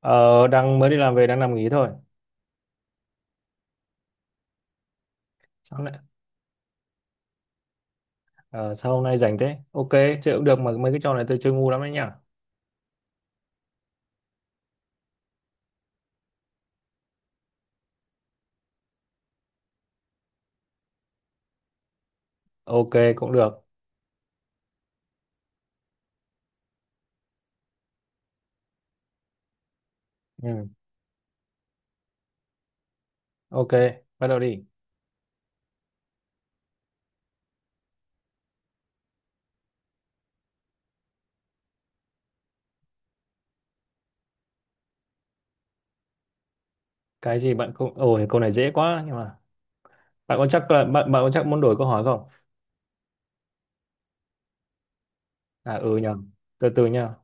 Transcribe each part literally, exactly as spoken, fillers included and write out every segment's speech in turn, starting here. Ờ, Đang mới đi làm về, đang nằm nghỉ thôi. Sao lại ờ, Sao hôm nay rảnh thế? Ok, chơi cũng được mà mấy cái trò này tôi chơi ngu lắm đấy nhỉ. Ok, cũng được. Ừ, ok, bắt đầu đi. Cái gì bạn cũng Ôi, câu này dễ quá, nhưng mà bạn có chắc là bạn bạn có chắc muốn đổi câu hỏi không? À ừ nhờ. Từ từ nha.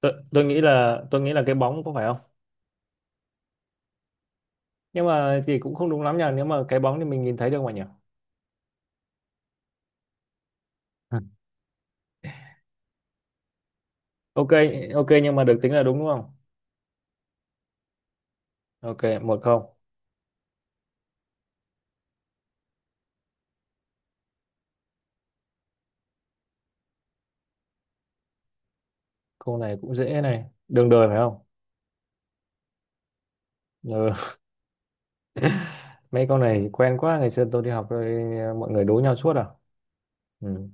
Tôi, tôi nghĩ là tôi nghĩ là cái bóng, có phải không? Nhưng mà thì cũng không đúng lắm nhỉ, nếu mà cái bóng thì mình nhìn thấy được mà nhỉ. Ừ. Ok, ok, nhưng mà được tính là đúng, đúng không? Ok, một không. Câu này cũng dễ này. Đường đời phải không? Ừ. Mấy con này quen quá, ngày xưa tôi đi học rồi mọi người đố nhau suốt à. Ừ.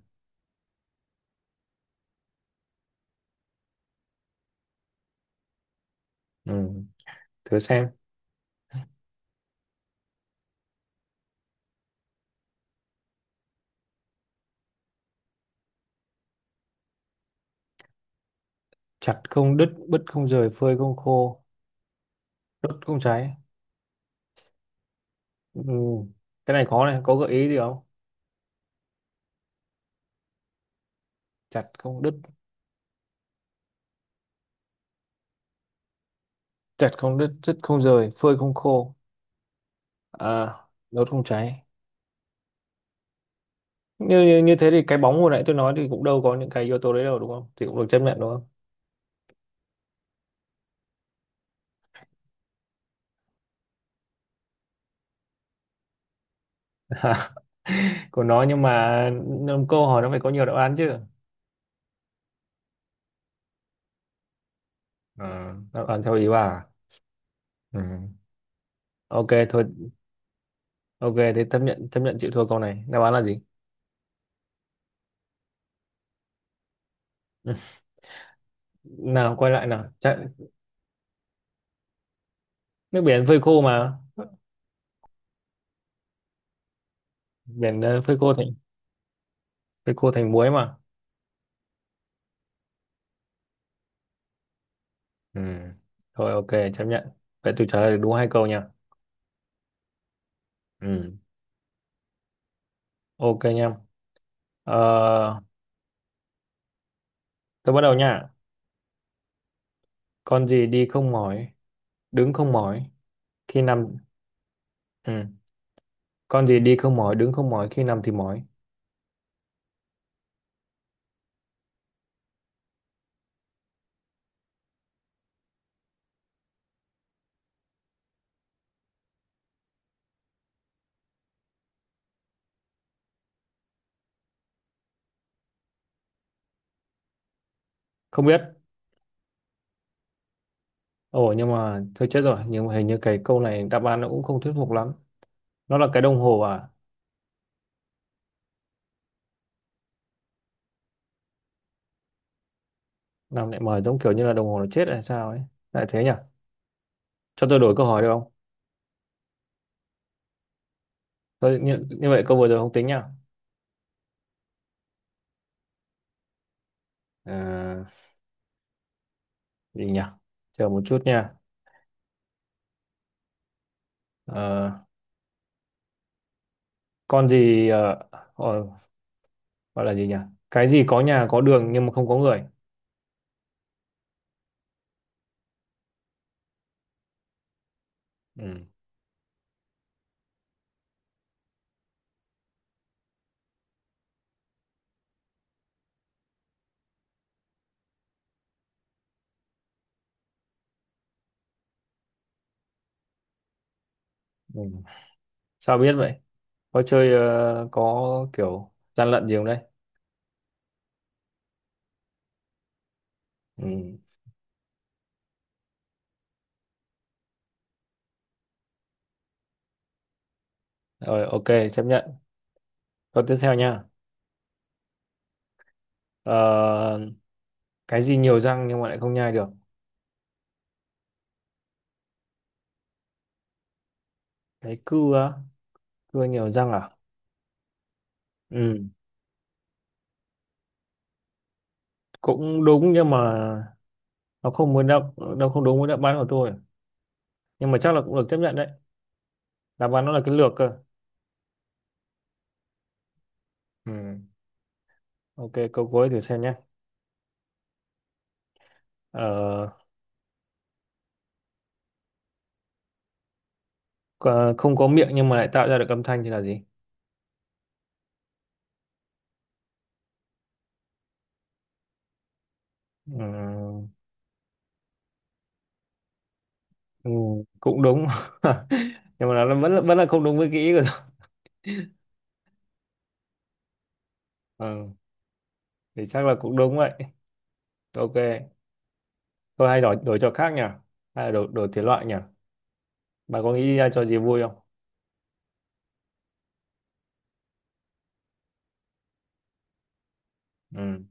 Ừ, thử xem. Chặt không đứt, bứt không rời, phơi không khô, đốt không cháy. Ừ. Cái này khó này, có gợi ý gì không? Chặt không đứt. Chặt không đứt, đứt không rời, phơi không khô, à, đốt không cháy. Như, như như thế thì cái bóng hồi nãy tôi nói thì cũng đâu có những cái yếu tố đấy đâu, đúng không, thì cũng được chấp nhận, đúng không? Của nó, nhưng mà câu hỏi nó phải có nhiều đáp án chứ. Ờ, Đáp án theo ý bà à? Ừ. Ok thôi. Ok, thế chấp nhận, chấp nhận, chịu thua. Câu này đáp án là gì? Nào, quay lại nào. Chắc, nước biển phơi khô mà. Biển ờ, phơi khô thành, phơi khô thành muối mà. Ừ. Thôi ok, chấp nhận. Vậy tôi trả lời được đúng hai câu nha. Ừ. Ok nha. ờ, tôi bắt đầu nha. Con gì đi không mỏi, đứng không mỏi, khi nằm. Ừ. Con gì đi không mỏi, đứng không mỏi, khi nằm thì mỏi. Không biết. Ồ, nhưng mà thôi chết rồi, nhưng mà hình như cái câu này đáp án nó cũng không thuyết phục lắm. Nó là cái đồng hồ à? Năm lại mời, giống kiểu như là đồng hồ nó chết hay sao ấy. Lại thế nhỉ. Cho tôi đổi câu hỏi được không? Tôi, như, như vậy câu vừa rồi không tính nhá. À, gì nhỉ? Chờ một chút nha. Ờ, con gì ờ, ờ, gọi là gì nhỉ? Cái gì có nhà, có đường nhưng mà không có người? Ừ. Ừ. Sao biết vậy, có chơi ờ, có kiểu gian lận gì không đấy? Ừ. Rồi, ok, chấp nhận. Câu tiếp theo nha. Ờ, cái gì nhiều răng nhưng mà lại không nhai được? Cái cưa á? Cưa nhiều răng à? Ừ, cũng đúng, nhưng mà nó không muốn đáp, nó không đúng với đáp án của tôi, nhưng mà chắc là cũng được chấp nhận đấy. Đáp án nó là cái lược cơ. Ừ. Ok, câu cuối thử xem nhé. ờ, có- Không có miệng nhưng mà lại tạo ra được âm thanh thì là gì? Ừ. Ừ, cũng đúng nhưng mà nó vẫn là, vẫn là không đúng với cái ý của tôi. Ừ. Thì chắc là cũng đúng vậy. Ok. Tôi hay đổi đổi cho khác nhỉ, hay là đổi đổi thể loại nhỉ? Bà có nghĩ ra cho gì vui không? Ừ.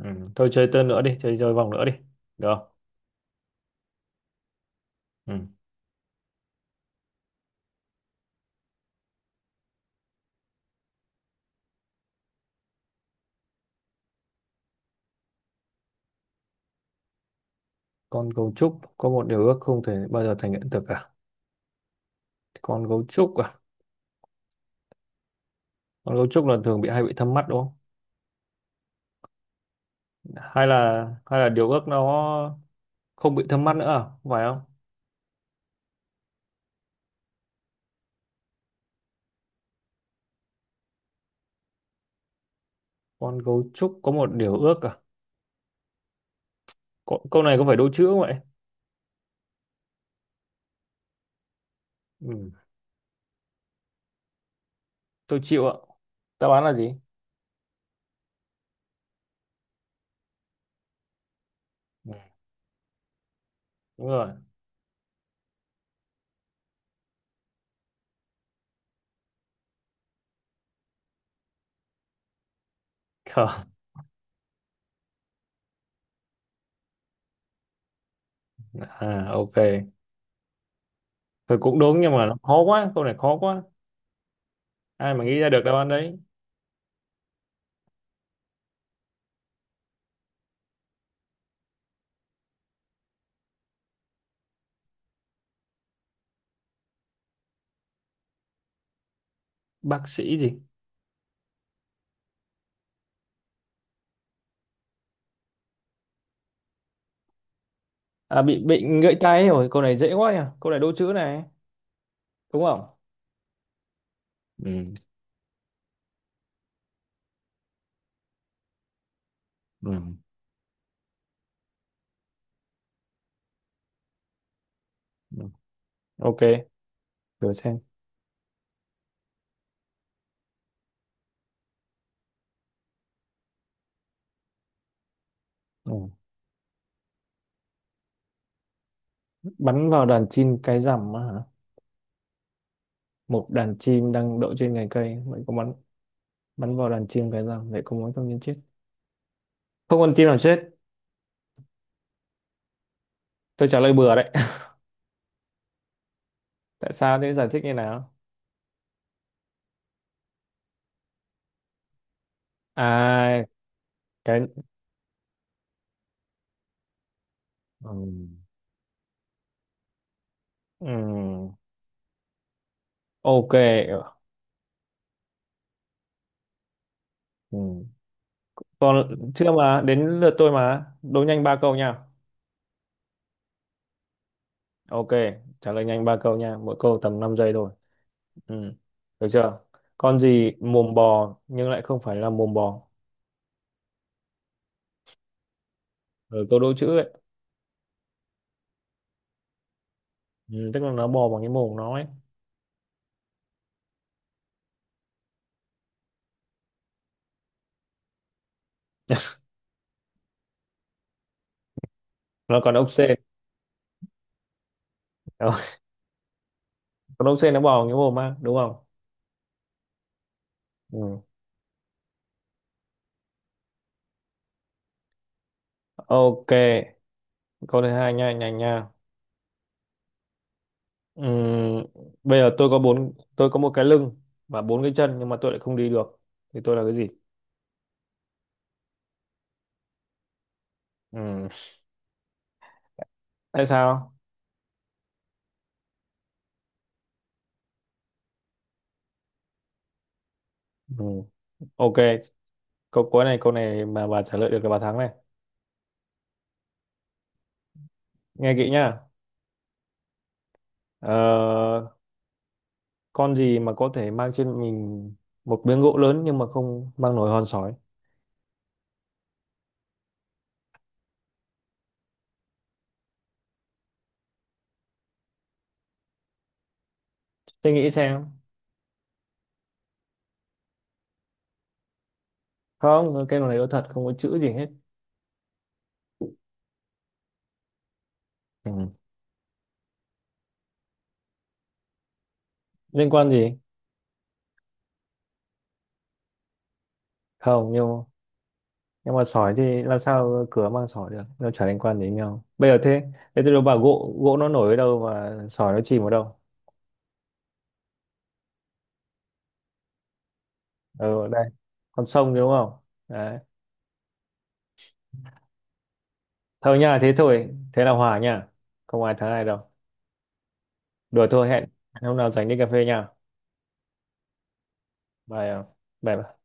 Ừ, thôi chơi tên nữa đi, chơi chơi vòng nữa đi, được không? Ừ. Con gấu trúc có một điều ước không thể bao giờ thành hiện thực cả. Con gấu trúc à? Con gấu trúc là thường bị, hay bị thâm mắt đúng không? Hay là hay là điều ước nó không bị thâm mắt nữa à? Không phải không? Con gấu trúc có một điều ước à? Cô- câu này có phải đố chữ không vậy? Ừ. Tôi chịu ạ. Đáp án là gì? Ừ. Đúng rồi. Khờ. À, ok, thôi cũng đúng, nhưng mà nó khó quá, câu này khó quá. Ai mà nghĩ ra được đáp án đấy. Bác sĩ gì? À, bị bệnh gãy tay rồi, câu này dễ quá nhỉ. Câu này đố chữ này, đúng không? Ừ. Ừ. Ừ. Ok, thử xem. Ừ. Bắn vào đàn chim cái rằm á hả? Một đàn chim đang đậu trên cành cây, vậy có bắn bắn vào đàn chim cái rằm, vậy có muốn không nhân chết? Không con chim nào chết. Tôi trả lời bừa đấy. Tại sao thế, giải thích như nào? À, cái ừ. Ừ. Ok. Ừ. Còn chưa mà, đến lượt tôi mà. Đố nhanh ba câu nha. Ok, trả lời nhanh ba câu nha. Mỗi câu tầm năm giây thôi. Ừ. Được chưa? Con gì mồm bò nhưng lại không phải là mồm bò? Ừ, câu đố chữ ấy. Ừ, tức là nó bò bằng cái mồm nó ấy. Nó còn ốc sên. Đó. Còn ốc sên nó bò bằng cái mồm á, đúng không? Ừ. Ok, câu thứ hai nha, nhanh nha. Ừ. Bây giờ tôi có bốn tôi có một cái lưng và bốn cái chân nhưng mà tôi lại không đi được, thì tôi là cái gì? Ừ. Tại sao? Ừ. Ok, câu cuối này, câu này mà bà trả lời được là bà thắng này. Nghe kỹ nhá. ờ, con gì mà có thể mang trên mình một miếng gỗ lớn nhưng mà không mang nổi hòn sỏi? Tôi nghĩ xem. Không, cái này có thật, không có chữ gì hết. Ừ. Liên quan gì. Không, nhưng nhưng mà sỏi thì làm sao cửa mang sỏi được, nó chả liên quan gì đến nhau bây giờ thế. Thế tôi đâu bảo gỗ gỗ nó nổi ở đâu mà sỏi nó chìm ở đâu. Ở đây con sông, đúng không? Đấy. Thôi nha, thế thôi, thế là hòa nha. Không ai thắng ai đâu. Đùa thôi. Hẹn hẹn hôm nào rảnh đi cà phê nha. Bye. Bye bye.